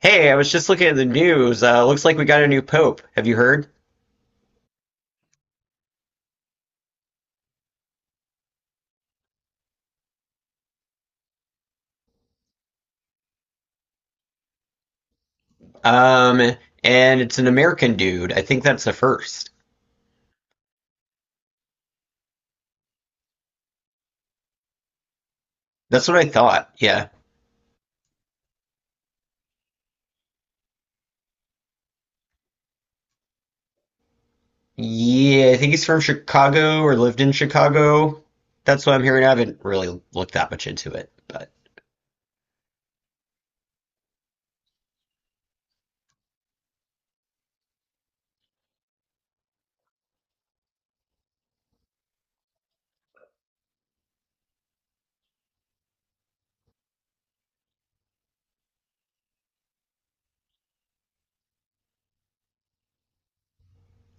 Hey, I was just looking at the news. Looks like we got a new pope. Have you heard? Um, and it's an American dude. I think that's the first. That's what I thought. Yeah. Yeah, I think he's from Chicago or lived in Chicago. That's what I'm hearing. I haven't really looked that much into it, but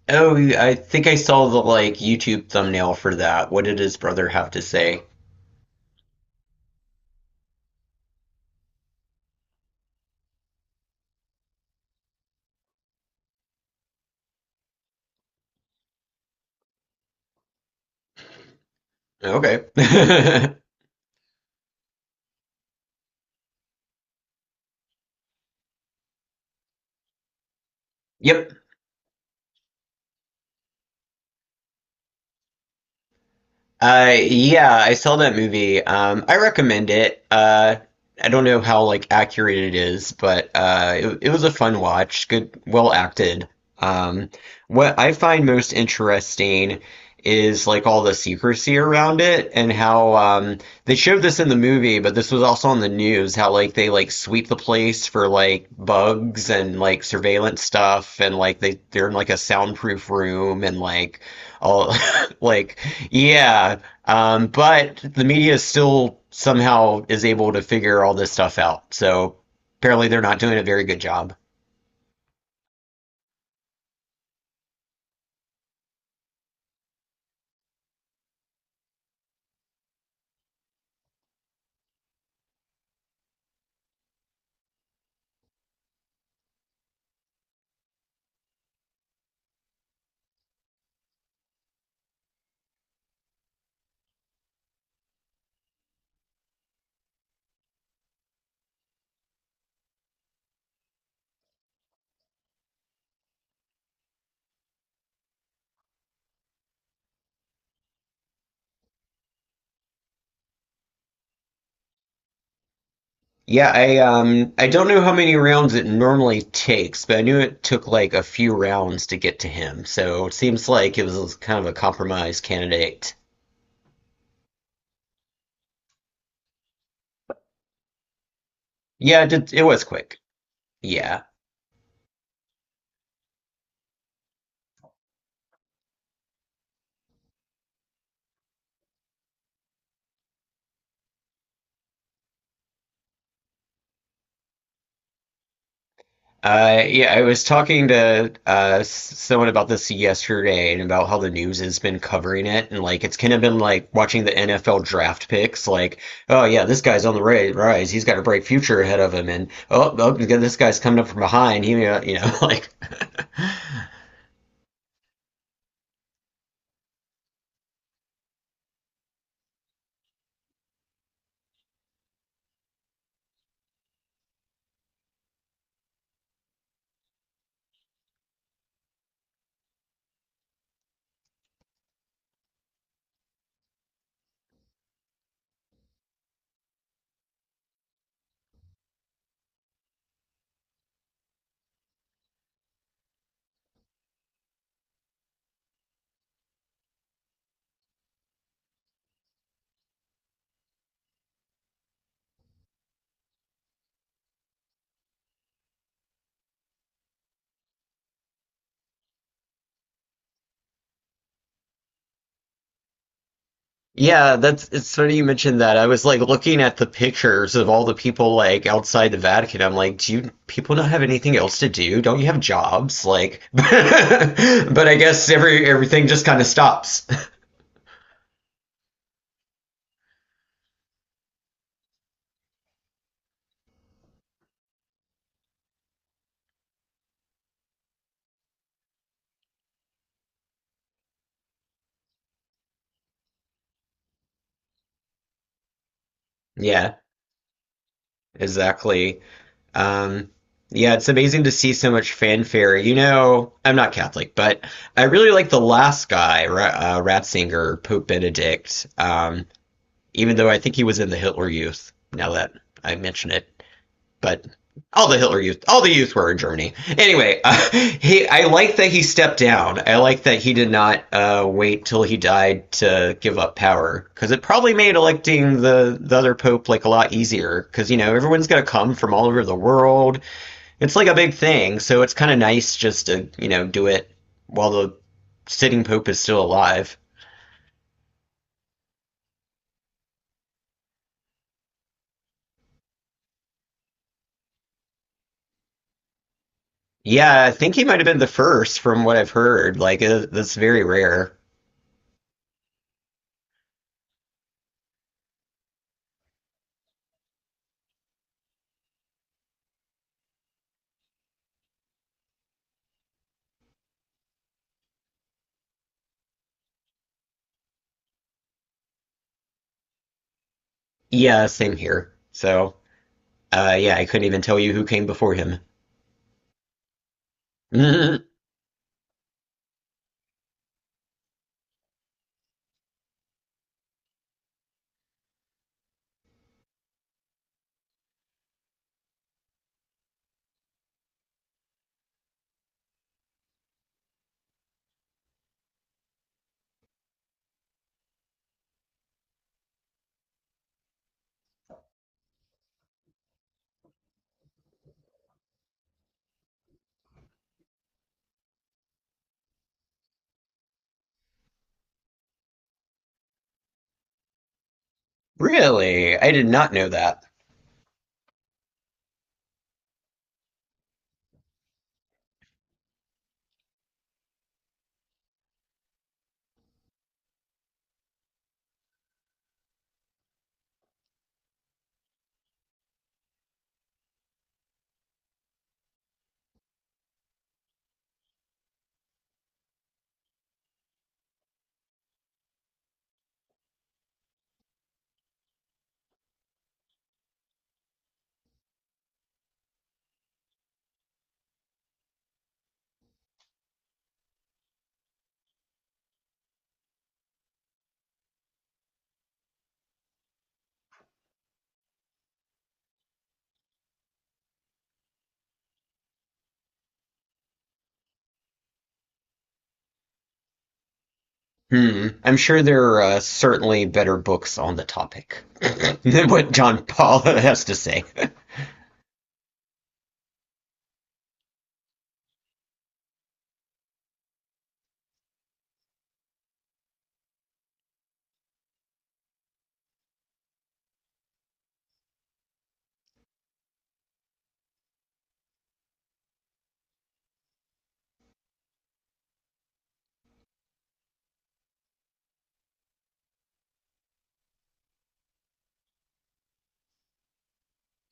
oh, I think I saw the like YouTube thumbnail for that. What did his brother have to say? Okay. Yep. Yeah, I saw that movie. I recommend it. I don't know how like accurate it is, but it was a fun watch. Good, well acted. Um, what I find most interesting is like all the secrecy around it and how they showed this in the movie, but this was also on the news. How like they like sweep the place for like bugs and like surveillance stuff, and like they're in like a soundproof room and like all like yeah, but the media still somehow is able to figure all this stuff out. So apparently they're not doing a very good job. Yeah, I don't know how many rounds it normally takes, but I knew it took like a few rounds to get to him. So it seems like it was kind of a compromise candidate. Yeah, it was quick. Yeah. Yeah, I was talking to someone about this yesterday and about how the news has been covering it. And like, it's kind of been like watching the NFL draft picks. Like, oh, yeah, this guy's on the rise. He's got a bright future ahead of him. And oh, this guy's coming up from behind. He, may not- you know, like, yeah, that's it's funny you mentioned that. I was like looking at the pictures of all the people like outside the Vatican. I'm like, do you people not have anything else to do? Don't you have jobs? Like, but I guess everything just kind of stops. Yeah, exactly. Um, yeah, it's amazing to see so much fanfare. You know, I'm not Catholic, but I really like the last guy, Ratzinger, Pope Benedict. Even though I think he was in the Hitler Youth. Now that I mention it. But all the Hitler Youth, all the youth were in Germany. Anyway, he, I like that he stepped down. I like that he did not wait till he died to give up power because it probably made electing the other pope like a lot easier because you know everyone's gonna come from all over the world. It's like a big thing, so it's kind of nice just to you know do it while the sitting pope is still alive. Yeah, I think he might have been the first from what I've heard. Like that's very rare. Yeah, same here. So yeah, I couldn't even tell you who came before him. Mm, really? I did not know that. Hmm. I'm sure there are certainly better books on the topic than what John Paul has to say.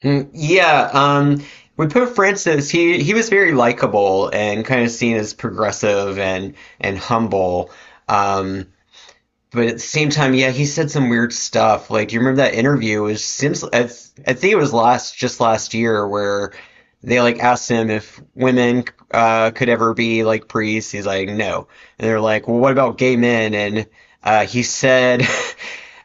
Mm, yeah, we put Francis, he was very likable and kind of seen as progressive, and humble. Um, but at the same time, yeah, he said some weird stuff. Like, do you remember that interview? It was, seems I think it was last just last year where they like asked him if women could ever be like priests. He's like, no. And they're like, well, what about gay men? And he said.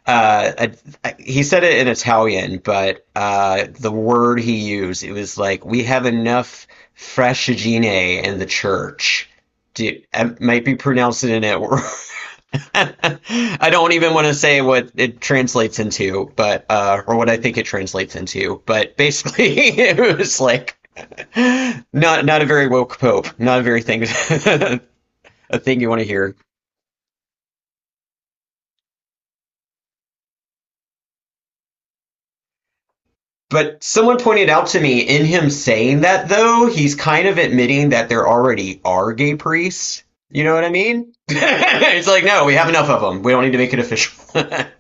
Uh, I, he said it in Italian, but the word he used, it was like, we have enough frashigine in the church. Do, I might be pronouncing it at work. I don't even want to say what it translates into, but or what I think it translates into, but basically it was like not not a very woke pope, not a very thing a thing you want to hear. But someone pointed out to me in him saying that though, he's kind of admitting that there already are gay priests. You know what I mean? It's like no, we have enough of them. We don't need to make it official.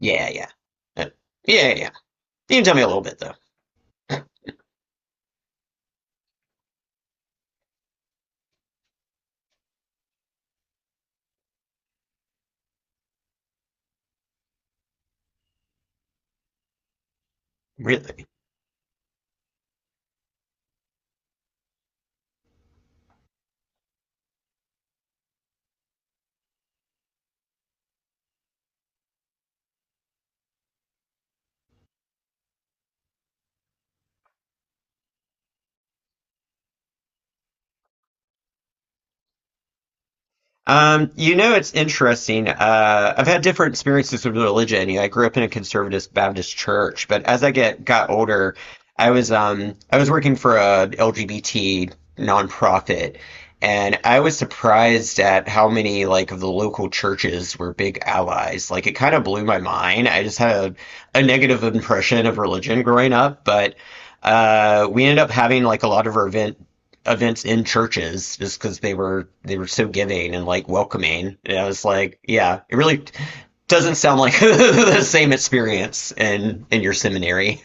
Yeah, yeah. Uh, yeah, yeah. Yeah. You can tell me a little bit though. Really. You know, it's interesting. I've had different experiences with religion. You know, I grew up in a conservative Baptist church, but as I get got older, I was working for a LGBT nonprofit, and I was surprised at how many like of the local churches were big allies. Like it kind of blew my mind. I just had a negative impression of religion growing up, but we ended up having like a lot of our events in churches just because they were so giving and like welcoming. And I was like, yeah, it really doesn't sound like the same experience in your seminary.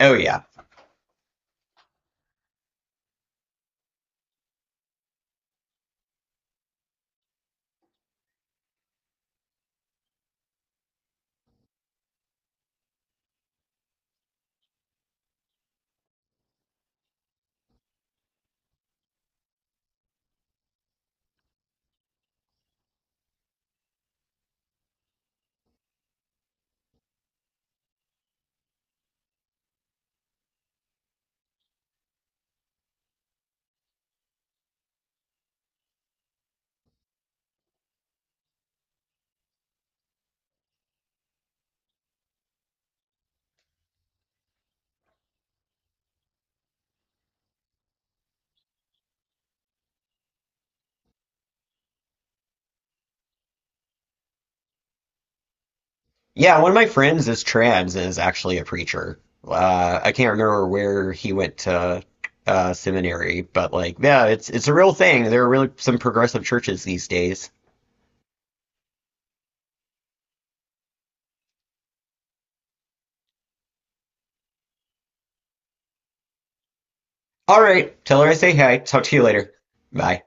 Oh yeah, yeah. One of my friends is trans and is actually a preacher. I can't remember where he went to seminary, but like, yeah, it's a real thing. There are really some progressive churches these days. All right, tell her I say hi. Talk to you later. Bye.